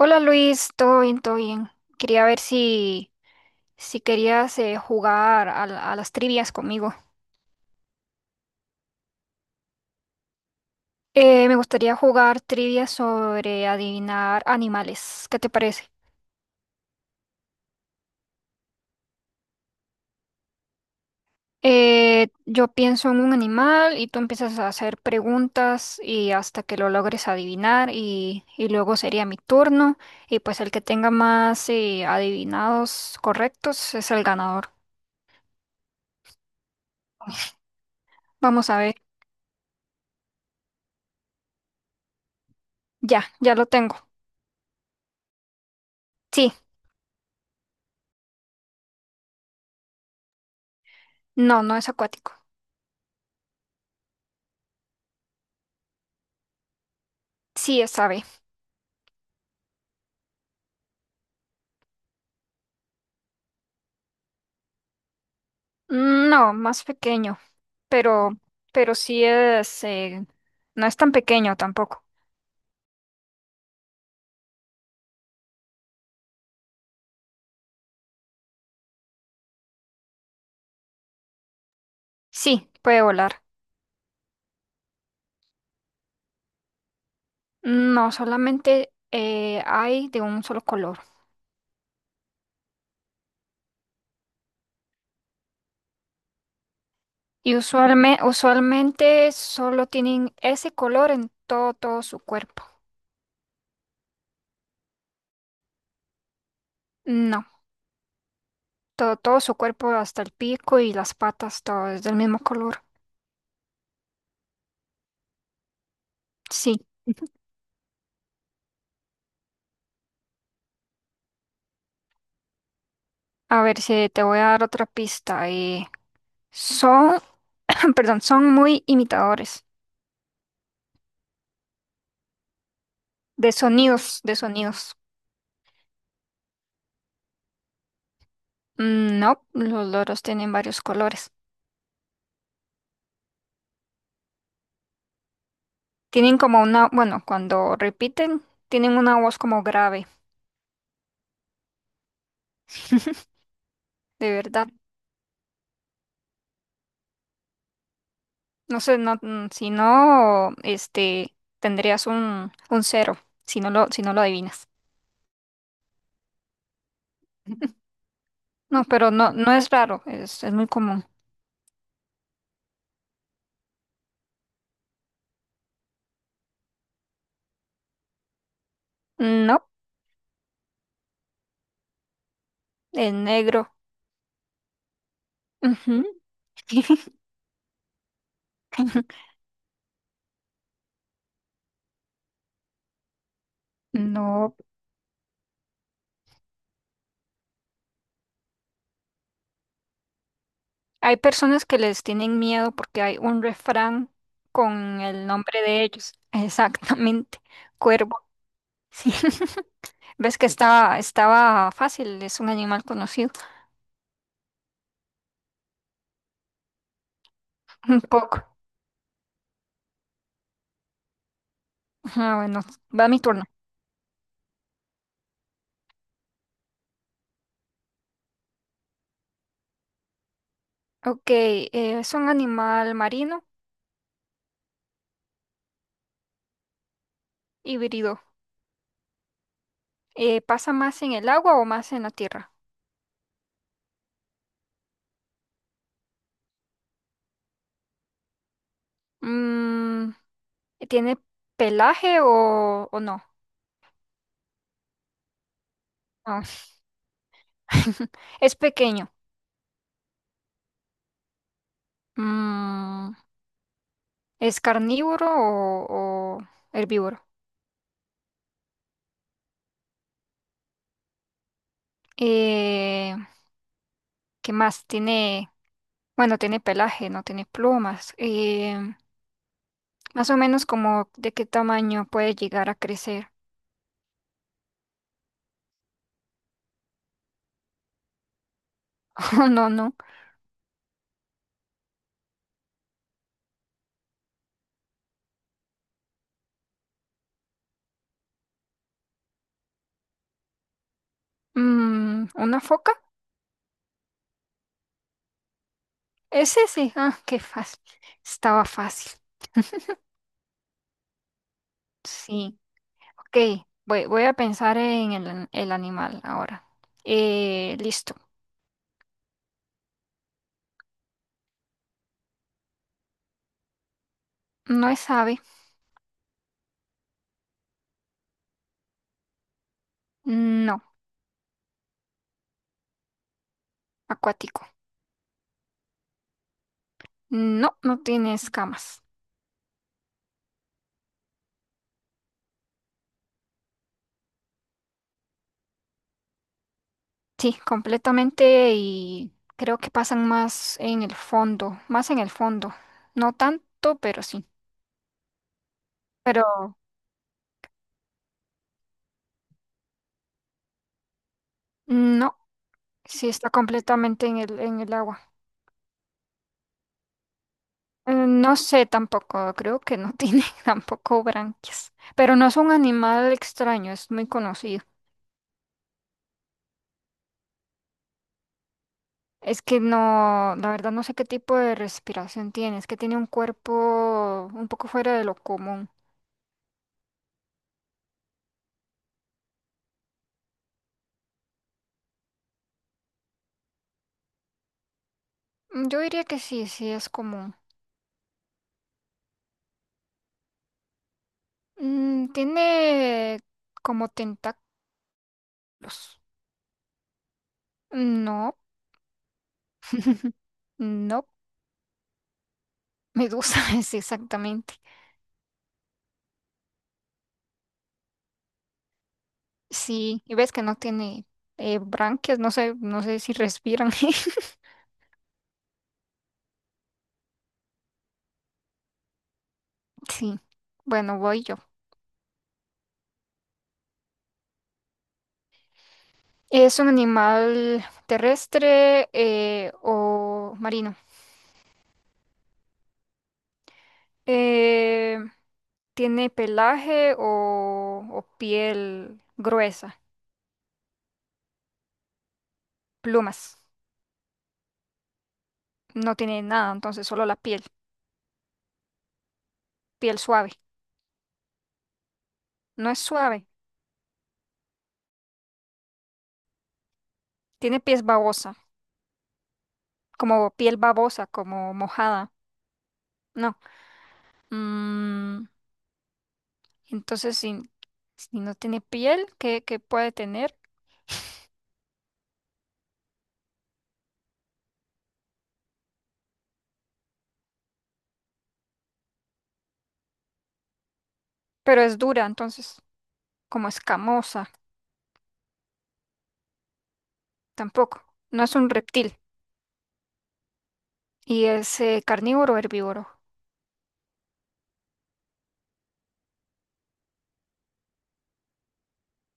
Hola Luis, todo bien, todo bien. Quería ver si, si querías jugar a, a las trivias conmigo. Me gustaría jugar trivias sobre adivinar animales. ¿Qué te parece? Yo pienso en un animal y tú empiezas a hacer preguntas y hasta que lo logres adivinar y luego sería mi turno y pues el que tenga más adivinados correctos es el ganador. Vamos a ver. Ya lo tengo. Sí, no, no es acuático. Sí, es ave. Mm, no, más pequeño, pero, pero sí es, no es tan pequeño tampoco. Sí, puede volar. No, solamente hay de un solo color. Y usualmente solo tienen ese color en todo, todo su cuerpo. No, todo, todo su cuerpo, hasta el pico y las patas, todo es del mismo color. Sí, a ver si te voy a dar otra pista. Son, perdón, son muy imitadores de sonidos, de sonidos. Mm, no, los loros tienen varios colores. Tienen como una, bueno, cuando repiten, tienen una voz como grave, de verdad. No sé, no, si no, este, tendrías un cero, si no lo, si no lo adivinas. No, pero no, no es raro, es muy común. No, es negro. Ujú. No, hay personas que les tienen miedo porque hay un refrán con el nombre de ellos. Exactamente, cuervo. Sí. ¿Ves que estaba, estaba fácil? Es un animal conocido. Un poco. Ah, bueno, va mi turno. Ok, es un animal marino híbrido. ¿Pasa más en el agua o más en la tierra? Mm, ¿tiene pelaje o no? No. Es pequeño. Mm, ¿es carnívoro o herbívoro? Eh, ¿Qué más? Tiene, bueno, tiene pelaje, no tiene plumas. Más o menos como de qué tamaño puede llegar a crecer. Oh, no, no. Mm, ¿una foca? Es ese. Sí. Ah, qué fácil. Estaba fácil. Sí. Ok, voy, voy a pensar en el, el animal ahora. Listo. No es ave. No. Acuático. No, no tiene escamas. Sí, completamente y creo que pasan más en el fondo, más en el fondo. No tanto, pero sí. Pero no. Sí, está completamente en el agua. No sé tampoco, creo que no tiene tampoco branquias. Pero no es un animal extraño, es muy conocido. Es que no, la verdad no sé qué tipo de respiración tiene, es que tiene un cuerpo un poco fuera de lo común. Mm, yo diría que sí, sí es común. Mm, tiene como tentáculos. No, no, medusa es exactamente. Sí, y ves que no tiene branquias, no sé, no sé si respiran. Sí, bueno, voy yo. ¿Es un animal terrestre o marino? Eh, ¿Tiene pelaje o piel gruesa? Plumas. No tiene nada, entonces solo la piel. Piel suave. No es suave. Tiene piel babosa, como mojada. No. Mm, entonces, si, si no tiene piel, ¿qué, qué puede tener? Pero es dura, entonces, como escamosa, tampoco. No es un reptil. Y es carnívoro o herbívoro.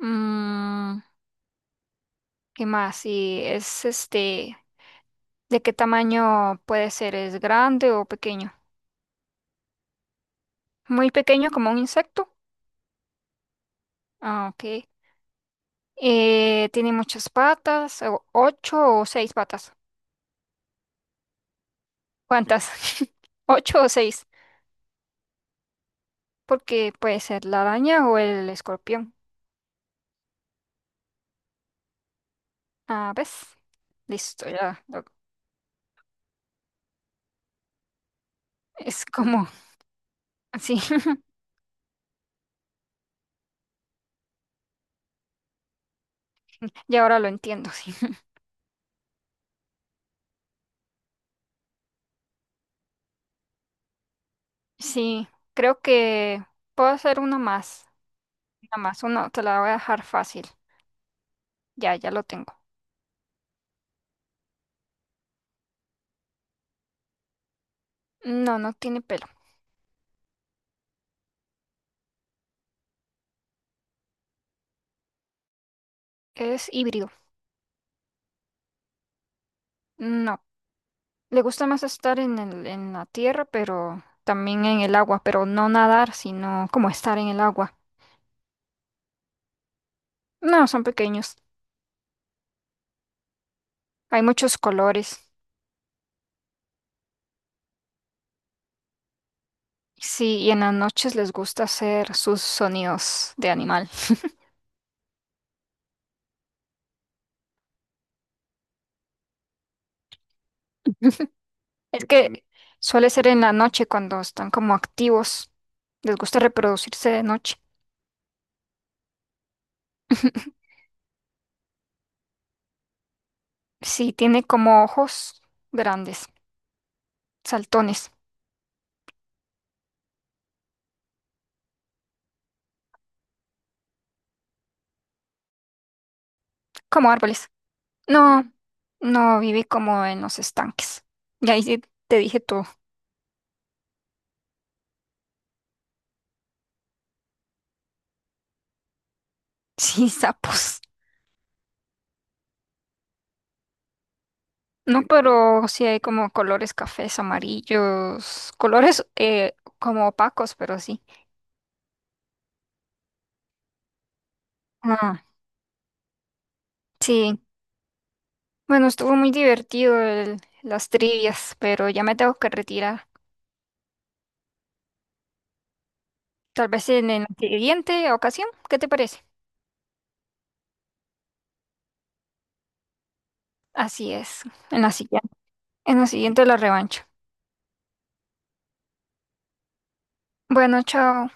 Mm, ¿qué más? Y es este, ¿de qué tamaño puede ser? ¿Es grande o pequeño? Muy pequeño, como un insecto. Ah, ok. Tiene muchas patas, ocho o seis patas. ¿Cuántas? ¿Ocho o seis? Porque puede ser la araña o el escorpión. Ah, ¿ves? Listo, ya. Es como así. Y ahora lo entiendo, sí. Sí, creo que puedo hacer una más. Una más, una, te la voy a dejar fácil. Ya lo tengo. No, no tiene pelo. Es híbrido. No. Le gusta más estar en el, en la tierra, pero también en el agua, pero no nadar, sino como estar en el agua. No, son pequeños. Hay muchos colores. Sí, y en las noches les gusta hacer sus sonidos de animal. Es que suele ser en la noche cuando están como activos. Les gusta reproducirse de noche. Sí, tiene como ojos grandes, saltones, como árboles. No, no vive como en los estanques. Y ahí sí te dije todo. Sí, sapos. No, pero sí hay como colores cafés, amarillos, colores como opacos, pero sí. Ah, sí. Bueno, estuvo muy divertido las trivias, pero ya me tengo que retirar. Tal vez en la siguiente ocasión, ¿qué te parece? Así es, en la siguiente, en la siguiente la revancha. Bueno, chao.